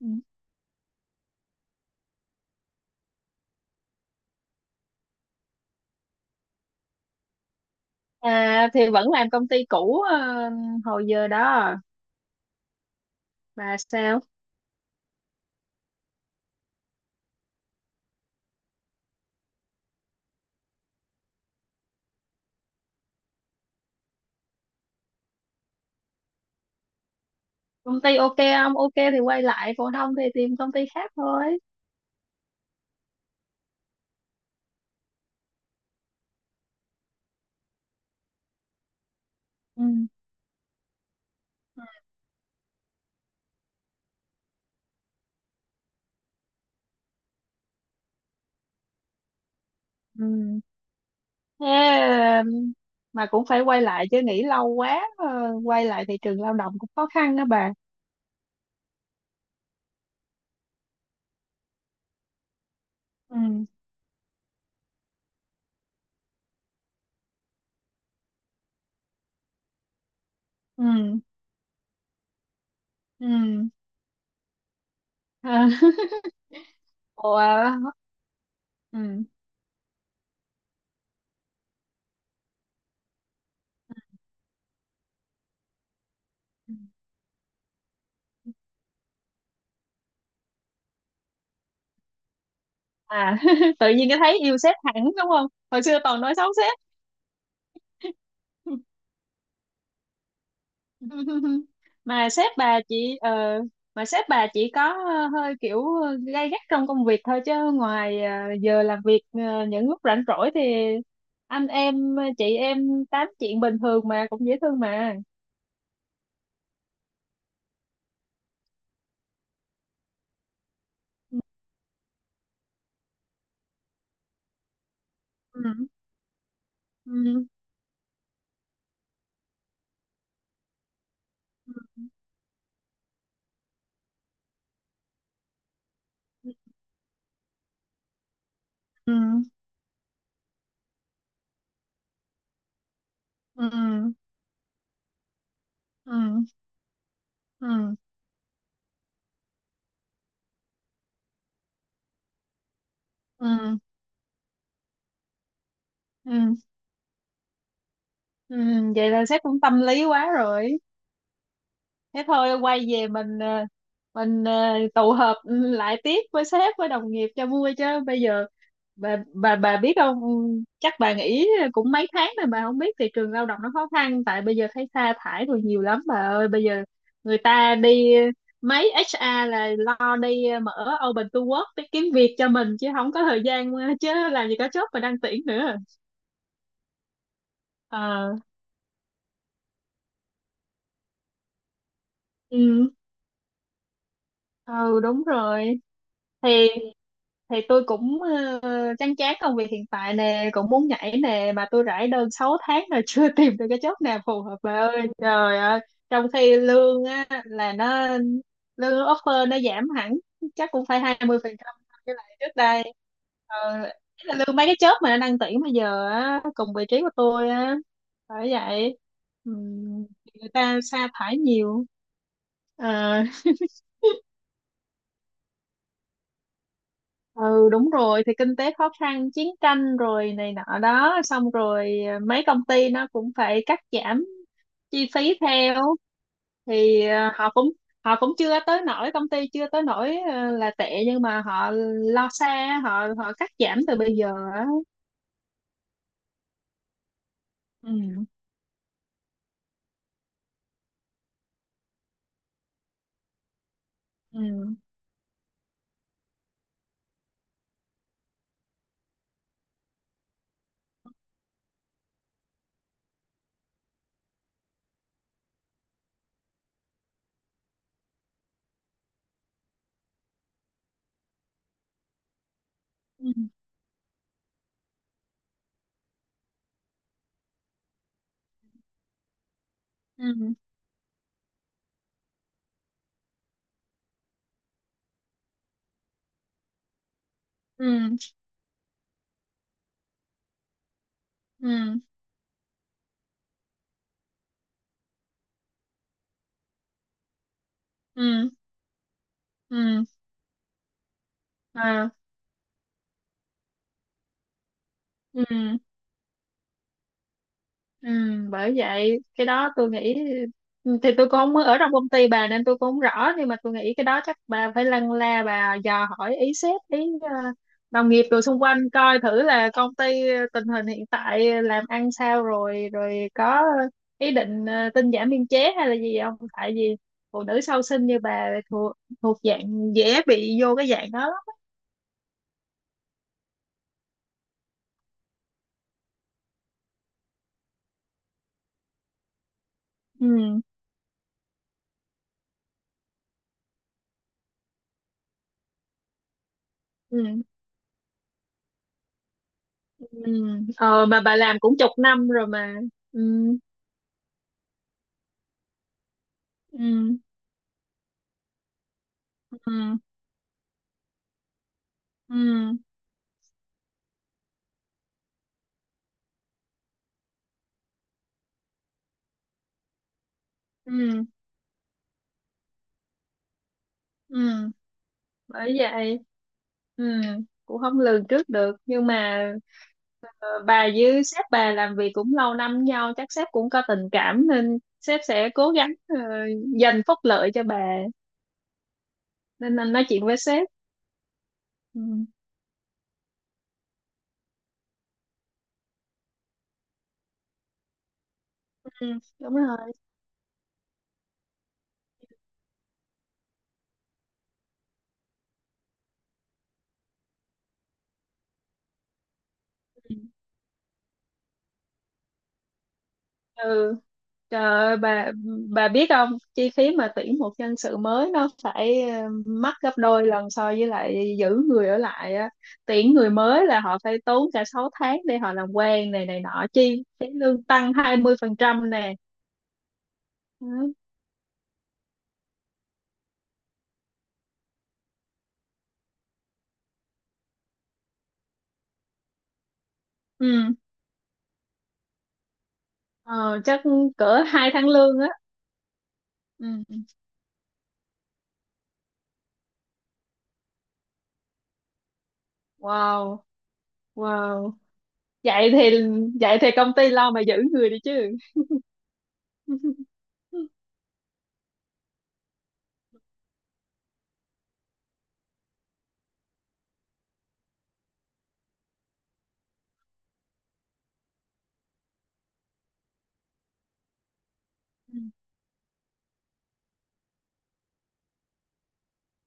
Ừ. Thì vẫn làm công ty cũ, hồi giờ đó, mà sao công ty ok không, ok thì quay lại, còn không thì tìm công ty khác thôi. Ừ. Ừ. Thế, ờ, mà cũng phải quay lại chứ, nghỉ lâu quá, quay lại thị trường lao động cũng khó khăn đó bà. Ừ. Ừ, ừ. À. Ủa, ừ. À, tự nhiên cái thấy yêu sếp hẳn đúng không, hồi xưa toàn nói xấu sếp. mà sếp bà chị ờ, mà sếp bà chị có, hơi kiểu gay gắt trong công việc thôi, chứ ngoài giờ làm việc, những lúc rảnh rỗi thì anh em, chị em tám chuyện bình thường mà, cũng dễ thương mà. Ừ, ừ, ừ, ừ, ừ, ừ, ừ, ừ, ừ. Ừ, vậy là sếp cũng tâm lý quá rồi. Thế thôi quay về mình, mình tụ họp, lại tiếp với sếp với đồng nghiệp cho vui, chứ bây giờ bà biết không? Ừ, chắc bà nghỉ cũng mấy tháng rồi, bà không biết thị trường lao động nó khó khăn. Tại bây giờ thấy sa thải rồi nhiều lắm bà ơi, bây giờ người ta đi, mấy HR là lo đi mở open to work để kiếm việc cho mình, chứ không có thời gian, chứ làm gì có job mà đăng tuyển nữa. Ờ. Ừ. Ừ, đúng rồi. Thì thì tôi cũng, chán chán công việc hiện tại nè, cũng muốn nhảy nè, mà tôi rải đơn 6 tháng rồi. Chưa tìm được cái job nào phù hợp bà ơi, trời ơi. Trong khi lương á là nó, lương offer nó giảm hẳn chắc cũng phải 20%. Cái lại trước đây, ờ, ý là lương mấy cái job mà nó đang tuyển bây giờ á, cùng vị trí của tôi á. Bởi vậy. ừm, Người ta sa thải nhiều. Ờ. Ừ, đúng rồi. Thì kinh tế khó khăn, chiến tranh rồi này nọ đó, xong rồi mấy công ty nó cũng phải cắt giảm chi phí theo. Thì họ cũng chưa tới nỗi, công ty chưa tới nỗi, là tệ, nhưng mà họ lo xa, họ họ cắt giảm từ bây giờ á. Ừ, ừ, ừ, ừ, ừ, ừ, ừ, ừ, ừ. À, ừ. Ừ, bởi vậy cái đó tôi nghĩ, thì tôi cũng không mới ở trong công ty bà, nên tôi cũng không rõ, nhưng mà tôi nghĩ cái đó chắc bà phải lân la, bà dò hỏi ý sếp, ý đồng nghiệp rồi xung quanh, coi thử là công ty tình hình hiện tại làm ăn sao rồi, rồi có ý định tinh giản biên chế hay là gì không. Tại vì phụ nữ sau sinh như bà thuộc thuộc dạng dễ bị vô cái dạng đó lắm. Ừ, ừ, ừ. Ờ, mà bà làm cũng chục năm rồi mà. Ừ, ừ, ừ, ừ, ừ, ừ. Bởi vậy. Ừ, cũng không lường trước được, nhưng mà bà với sếp bà làm việc cũng lâu năm với nhau, chắc sếp cũng có tình cảm nên sếp sẽ cố gắng dành phúc lợi cho bà. Nên anh nói chuyện với sếp. Ừ, ừ, đúng rồi. Ừ. Trời ơi, bà biết không, chi phí mà tuyển một nhân sự mới nó phải, mắc gấp đôi lần so với lại giữ người ở lại á. Tuyển người mới là họ phải tốn cả 6 tháng để họ làm quen này này nọ, chi phí lương tăng 20% nè. Ừ. Ừ. Ờ, chắc cỡ 2 tháng lương á. Ừ. Wow, wow. Vậy thì vậy thì công ty lo mà giữ người đi chứ. Ừ.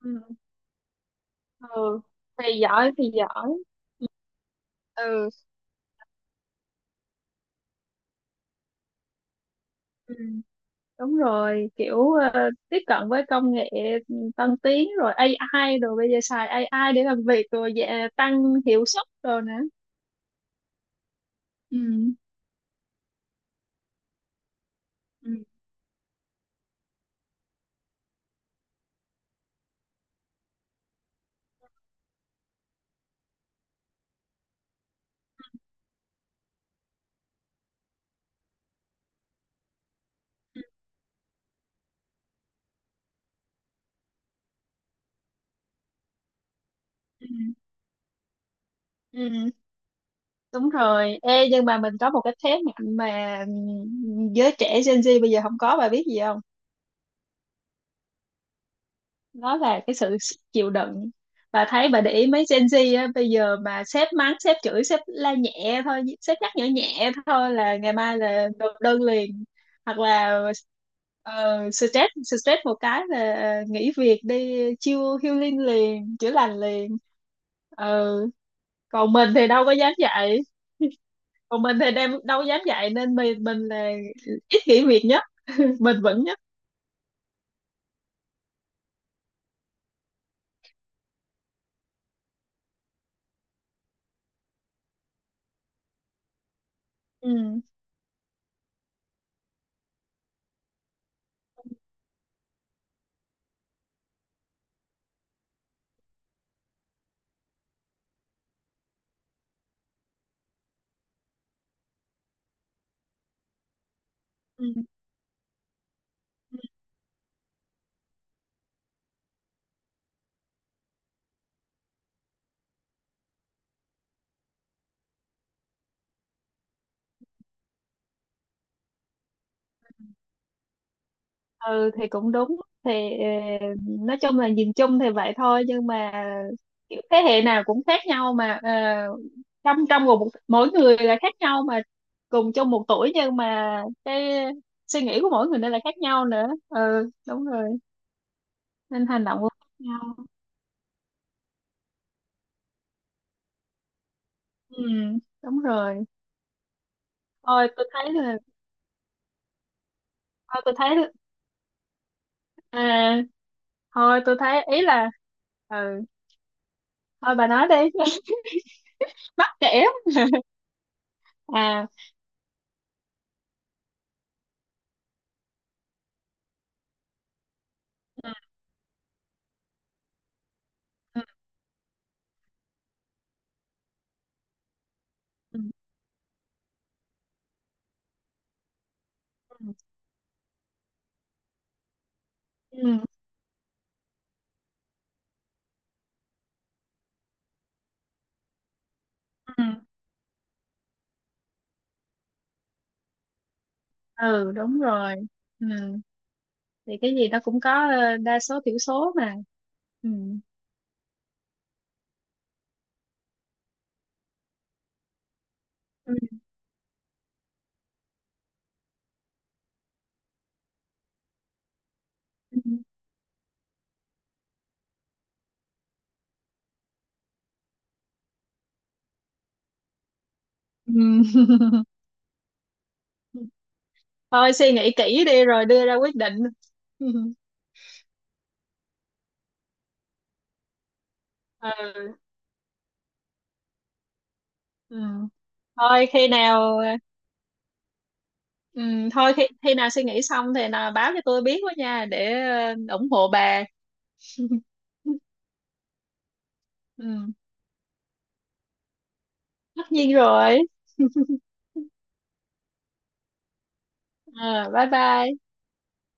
Ừ. Ừ. Thì giỏi thì giỏi. Ừ. Ừ, đúng rồi, kiểu tiếp cận với công nghệ tân tiến rồi AI, rồi bây giờ xài AI để làm việc rồi, dạ, tăng hiệu suất rồi nữa. Ừ. Ừ. Ừ. Ừ. Ừ, đúng rồi. Ê, nhưng mà mình có một cái thế mạnh mà, giới trẻ Gen Z bây giờ không có, bà biết gì không? Nó là cái sự chịu đựng. Và thấy bà để ý mấy Gen Z á, bây giờ mà sếp mắng sếp chửi sếp la nhẹ thôi, sếp nhắc nhở nhẹ thôi là ngày mai là nộp đơn liền. Hoặc là stress stress một cái là nghỉ việc đi chill healing liền, chữa lành liền. Ừ. còn mình thì đâu có dám dạy Còn mình thì đem đâu dám dạy, nên mình là ít nghỉ việc nhất. Mình vẫn nhất. Ừ. Ừ. Ừ, thì cũng đúng. Thì ờ, nói chung là, nhìn chung thì vậy thôi, nhưng mà kiểu thế hệ nào cũng khác nhau mà, trong trong một mỗi người là khác nhau mà, cùng chung một tuổi nhưng mà cái suy nghĩ của mỗi người nên là khác nhau nữa. Ừ, đúng rồi. Nên hành động cũng khác nhau. Ừ, đúng rồi. thôi tôi thấy là thôi tôi thấy à Thôi tôi thấy ý là. Ừ, thôi bà nói đi. Mắc kể. À, ừ, ừ, ừ, ừ, ừ. Ừ. Ừ, đúng rồi. Ừ. Thì cái gì nó cũng có, đa số thiểu số mà. Ừ. Ừ. Ừ. Thôi suy nghĩ kỹ đi rồi đưa ra quyết định. Ừ. Ừ. thôi khi nào Ừ. Khi nào suy nghĩ xong thì là báo cho tôi biết quá nha, để ủng hộ bà. Ừ, tất nhiên rồi. Ờ, bye bye.